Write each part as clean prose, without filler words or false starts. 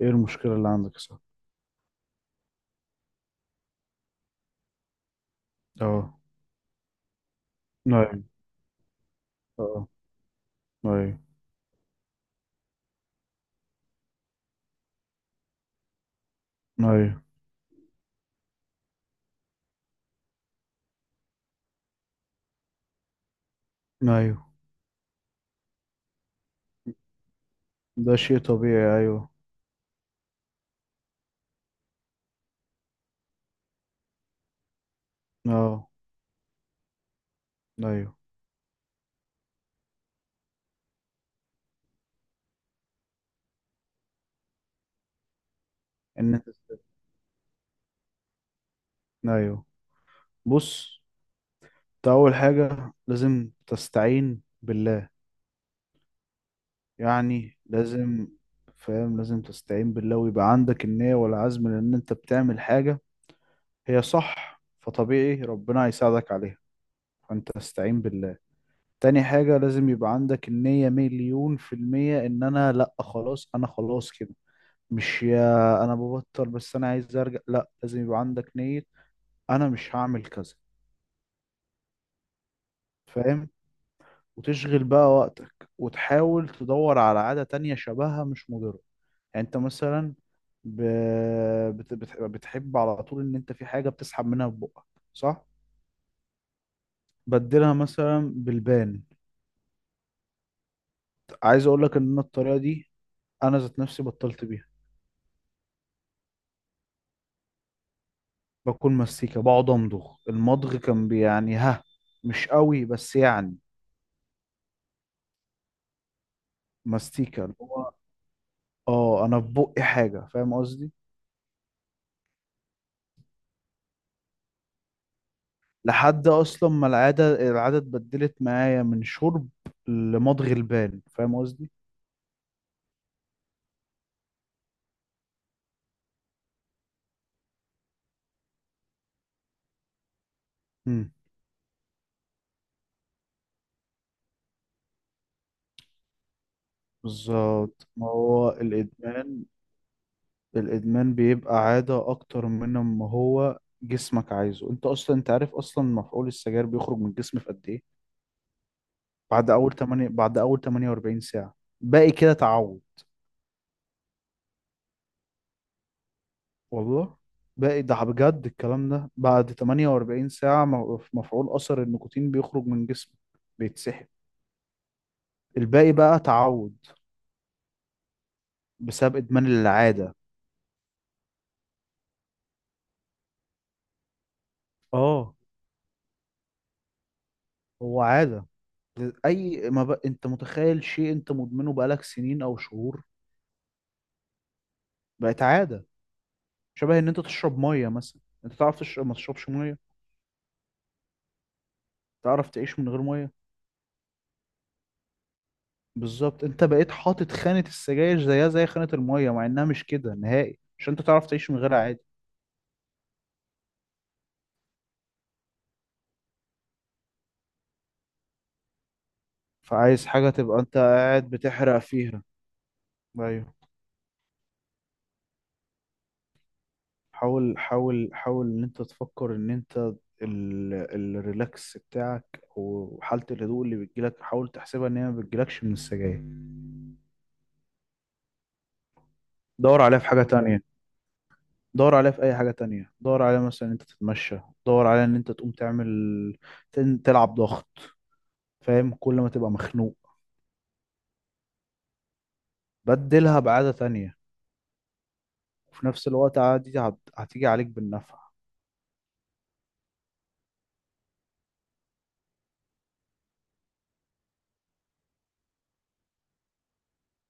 ايه المشكلة اللي عندك يا صاحبي؟ اه. ايوه. اه. ايوه. ايوه. ايوه. ده شيء طبيعي. ايوه. اه. ايوه. ان انت ايوه. بص، انت اول حاجة لازم تستعين بالله. يعني لازم. فاهم، لازم تستعين بالله ويبقى عندك النية والعزم لان انت بتعمل حاجة هي صح، فطبيعي ربنا هيساعدك عليها. فانت استعين بالله. تاني حاجة، لازم يبقى عندك النية مليون في المية ان انا لا، خلاص انا خلاص كده. مش يا انا ببطل بس انا عايز ارجع، لا، لازم يبقى عندك نية. انا مش هعمل كذا. فاهم. وتشغل بقى وقتك وتحاول تدور على عادة تانية شبهها مش مضرة. يعني انت مثلا ب... بتحب على طول ان انت في حاجة بتسحب منها في بقك، صح. بدلها مثلا بالبان. عايز اقول لك ان أنا الطريقة دي انا ذات نفسي بطلت بيها. باكل مستيكة، بقعد امضغ المضغ، كان يعني ها، مش قوي بس يعني. مستيكة. اه، انا في بقي حاجه، فاهم قصدي. لحد اصلا ما العاده اتبدلت معايا من شرب لمضغ البال، فاهم قصدي. امم. بالظبط، ما هو الادمان. الادمان بيبقى عاده اكتر من ما هو جسمك عايزه، انت اصلا انت عارف اصلا مفعول السجاير بيخرج من الجسم في قد ايه؟ بعد اول 8، بعد اول 48 ساعه، باقي كده تعود. والله، بقى ده بجد الكلام ده، بعد 48 ساعة في مفعول أثر النيكوتين بيخرج من جسمه، بيتسحب. الباقي بقى تعود بسبب إدمان العادة. اه، هو عادة. أي ما بقى أنت متخيل شيء أنت مدمنه بقالك سنين أو شهور، بقت عادة. شبه إن أنت تشرب مية مثلا، أنت تعرف تشرب ما تشربش مية؟ تعرف تعيش من غير مية؟ بالظبط، أنت بقيت حاطط خانة السجاير زيها زي خانة المية، مع إنها مش كده نهائي، عشان أنت تعرف تعيش من غيرها عادي. فعايز حاجة تبقى انت قاعد بتحرق فيها. ايوه. حاول حاول حاول ان انت تفكر ان انت ال... الريلاكس بتاعك وحالة الهدوء اللي بتجيلك حاول تحسبها ان هي ما بتجيلكش من السجاير. دور عليها في حاجة تانية. دور عليها في أي حاجة تانية، دور عليها مثلا إن أنت تتمشى، دور عليها إن أنت تقوم تعمل تلعب ضغط، فاهم، كل ما تبقى مخنوق بدلها بعادة تانية. وفي نفس الوقت عادي هتيجي عليك بالنفع.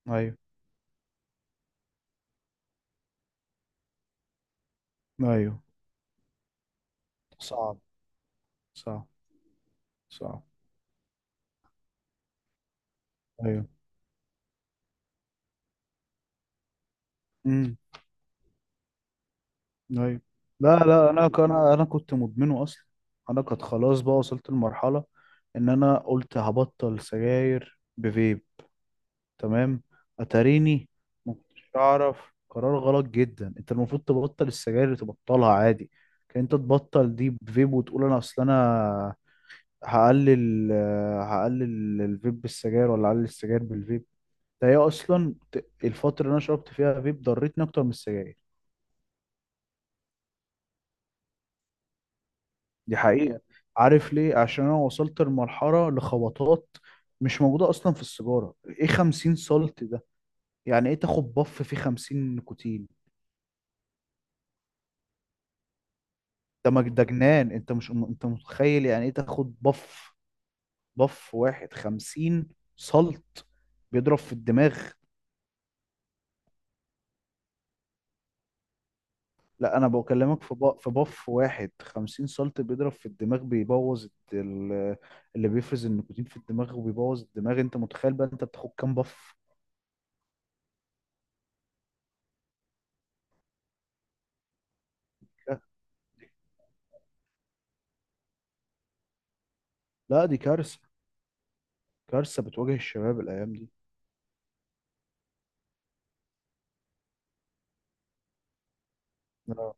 أيوه. أيوه. صعب. صعب. صح. ايوه. امم. ايوه. لا، لا، انا كان انا انا كنت مدمنه اصلا. انا كنت خلاص بقى وصلت لمرحله ان انا قلت هبطل سجاير بفيب. تمام. اتاريني ما كنتش اعرف. قرار غلط جدا، انت المفروض تبطل السجاير تبطلها عادي. كان انت تبطل دي بفيب وتقول انا اصل انا هقلل، هقلل الفيب بالسجاير ولا هقلل السجاير بالفيب. ده هي اصلا الفتره اللي انا شربت فيها فيب ضرتني اكتر من السجاير. دي حقيقة. عارف ليه؟ عشان أنا وصلت لمرحلة لخبطات مش موجودة أصلا في السيجارة. إيه 50 سولت ده؟ يعني إيه تاخد بف فيه 50 نيكوتين؟ ده جنان. أنت مش أنت متخيل يعني إيه تاخد بف واحد 50 سولت بيضرب في الدماغ؟ لا، أنا بكلمك في بف واحد 50 سولت بيضرب في الدماغ، بيبوظ اللي بيفرز النيكوتين في الدماغ وبيبوظ الدماغ. أنت متخيل بقى أنت بتاخد كام بف؟ لا، دي كارثة. كارثة بتواجه الشباب الأيام دي. آه.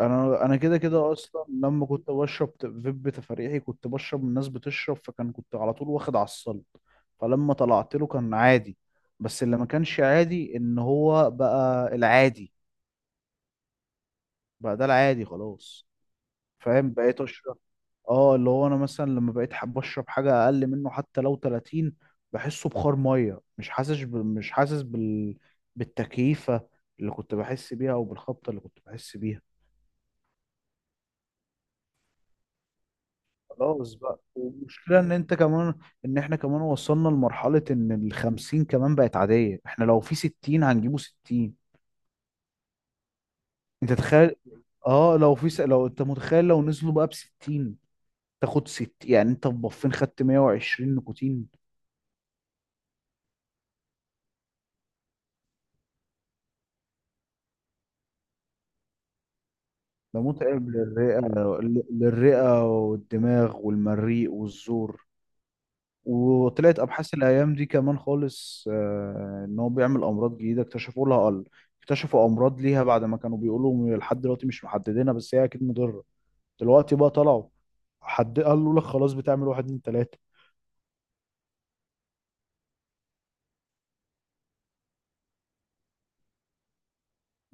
أنا كده أصلا لما كنت بشرب فيب تفريحي، كنت بشرب من الناس بتشرب، كنت على طول واخد على الصلب. فلما طلعت له كان عادي. بس اللي ما كانش عادي إن هو بقى العادي. بقى ده العادي خلاص. فاهم، بقيت أشرب. اه، اللي هو انا مثلا لما بقيت حابب اشرب حاجه اقل منه حتى لو 30، بحسه بخار ميه، مش حاسس مش حاسس بالتكييفه اللي كنت بحس بيها او بالخبطه اللي كنت بحس بيها. خلاص بقى. والمشكلة ان انت كمان، ان احنا كمان وصلنا لمرحلة ان الـ50 كمان بقت عادية، احنا لو في 60 هنجيبه 60. انت تخيل. اه، لو لو انت متخيل لو نزلوا بقى بـ60، تاخد ست، يعني انت ببفين خدت 120 نيكوتين. ده متعب للرئة. للرئة والدماغ والمريء والزور. وطلعت ابحاث الايام دي كمان خالص، ان هو بيعمل امراض جديده اكتشفوا لها قل. اكتشفوا امراض ليها بعد ما كانوا بيقولوا لحد دلوقتي مش محددينها، بس هي اكيد مضره. دلوقتي بقى طلعوا. حد قال له لك خلاص بتعمل واحد اتنين تلاته.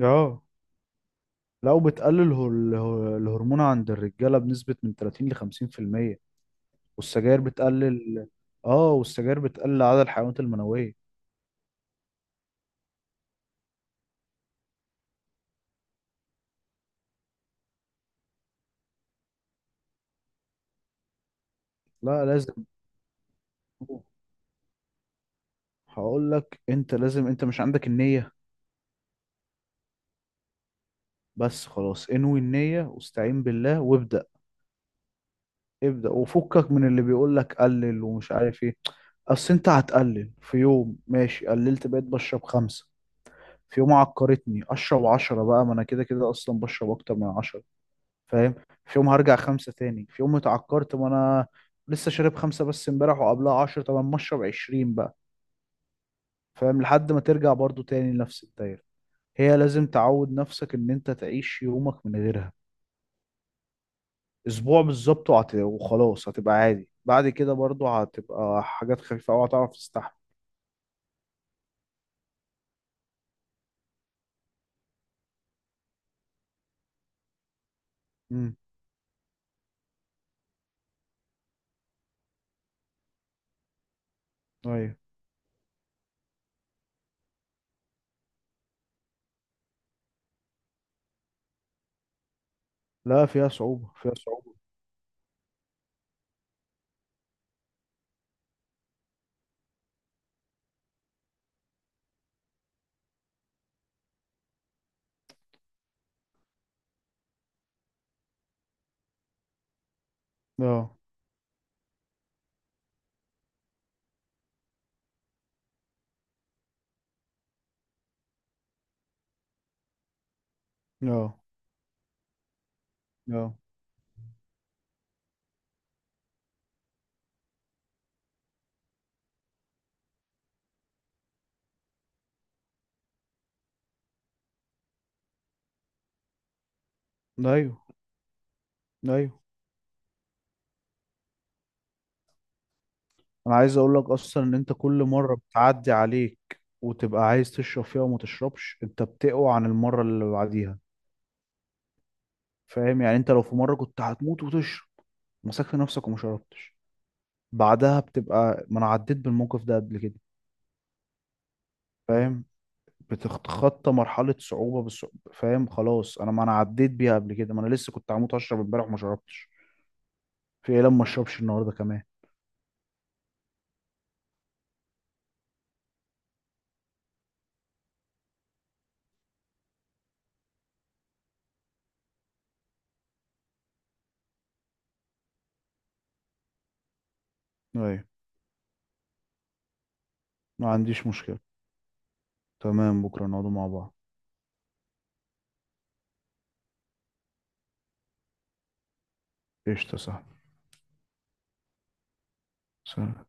اه. لو بتقلل الهرمون عند الرجاله بنسبه من 30 ل 50%. والسجاير بتقلل. اه، والسجاير بتقلل عدد الحيوانات المنويه. لا، لازم. هقول لك، انت لازم، انت مش عندك النيه. بس خلاص انوي النية واستعين بالله وابدأ. ابدأ وفكك من اللي بيقول لك قلل ومش عارف ايه. اصل انت هتقلل في يوم ماشي قللت بقيت بشرب خمسة، في يوم عكرتني اشرب 10، بقى ما انا كده كده اصلا بشرب اكتر من 10، فاهم. في يوم هرجع خمسة تاني، في يوم اتعكرت ما انا لسه شارب خمسة بس امبارح وقبلها 10، طب ما اشرب 20 بقى، فاهم، لحد ما ترجع برضو تاني لنفس الدايرة. هي لازم تعود نفسك ان انت تعيش يومك من غيرها اسبوع بالظبط، وخلاص هتبقى عادي، بعد كده برضو هتبقى حاجات خفيفة أوي هتعرف تستحمل. امم. ايوه. لا، فيها صعوبة، فيها صعوبة. اه. اه. اه. ايوه. ايوه. انا عايز اقول لك اصلا ان انت كل مرة بتعدي عليك وتبقى عايز تشرب فيها وما تشربش، انت بتقوى عن المرة اللي بعديها، فاهم. يعني انت لو في مرة كنت هتموت وتشرب مسكت نفسك وما شربتش، بعدها بتبقى، ما انا عديت بالموقف ده قبل كده. مم. فاهم. بتتخطى مرحلة صعوبة بالصعوبة، فاهم، خلاص انا، ما انا عديت بيها قبل كده، ما انا لسه كنت هموت اشرب امبارح وما شربتش، في ايه لما ما اشربش النهارده كمان؟ ايوه. ما عنديش مشكلة. تمام، بكرة نقعدوا مع بعض. قشطة، صح. سلام.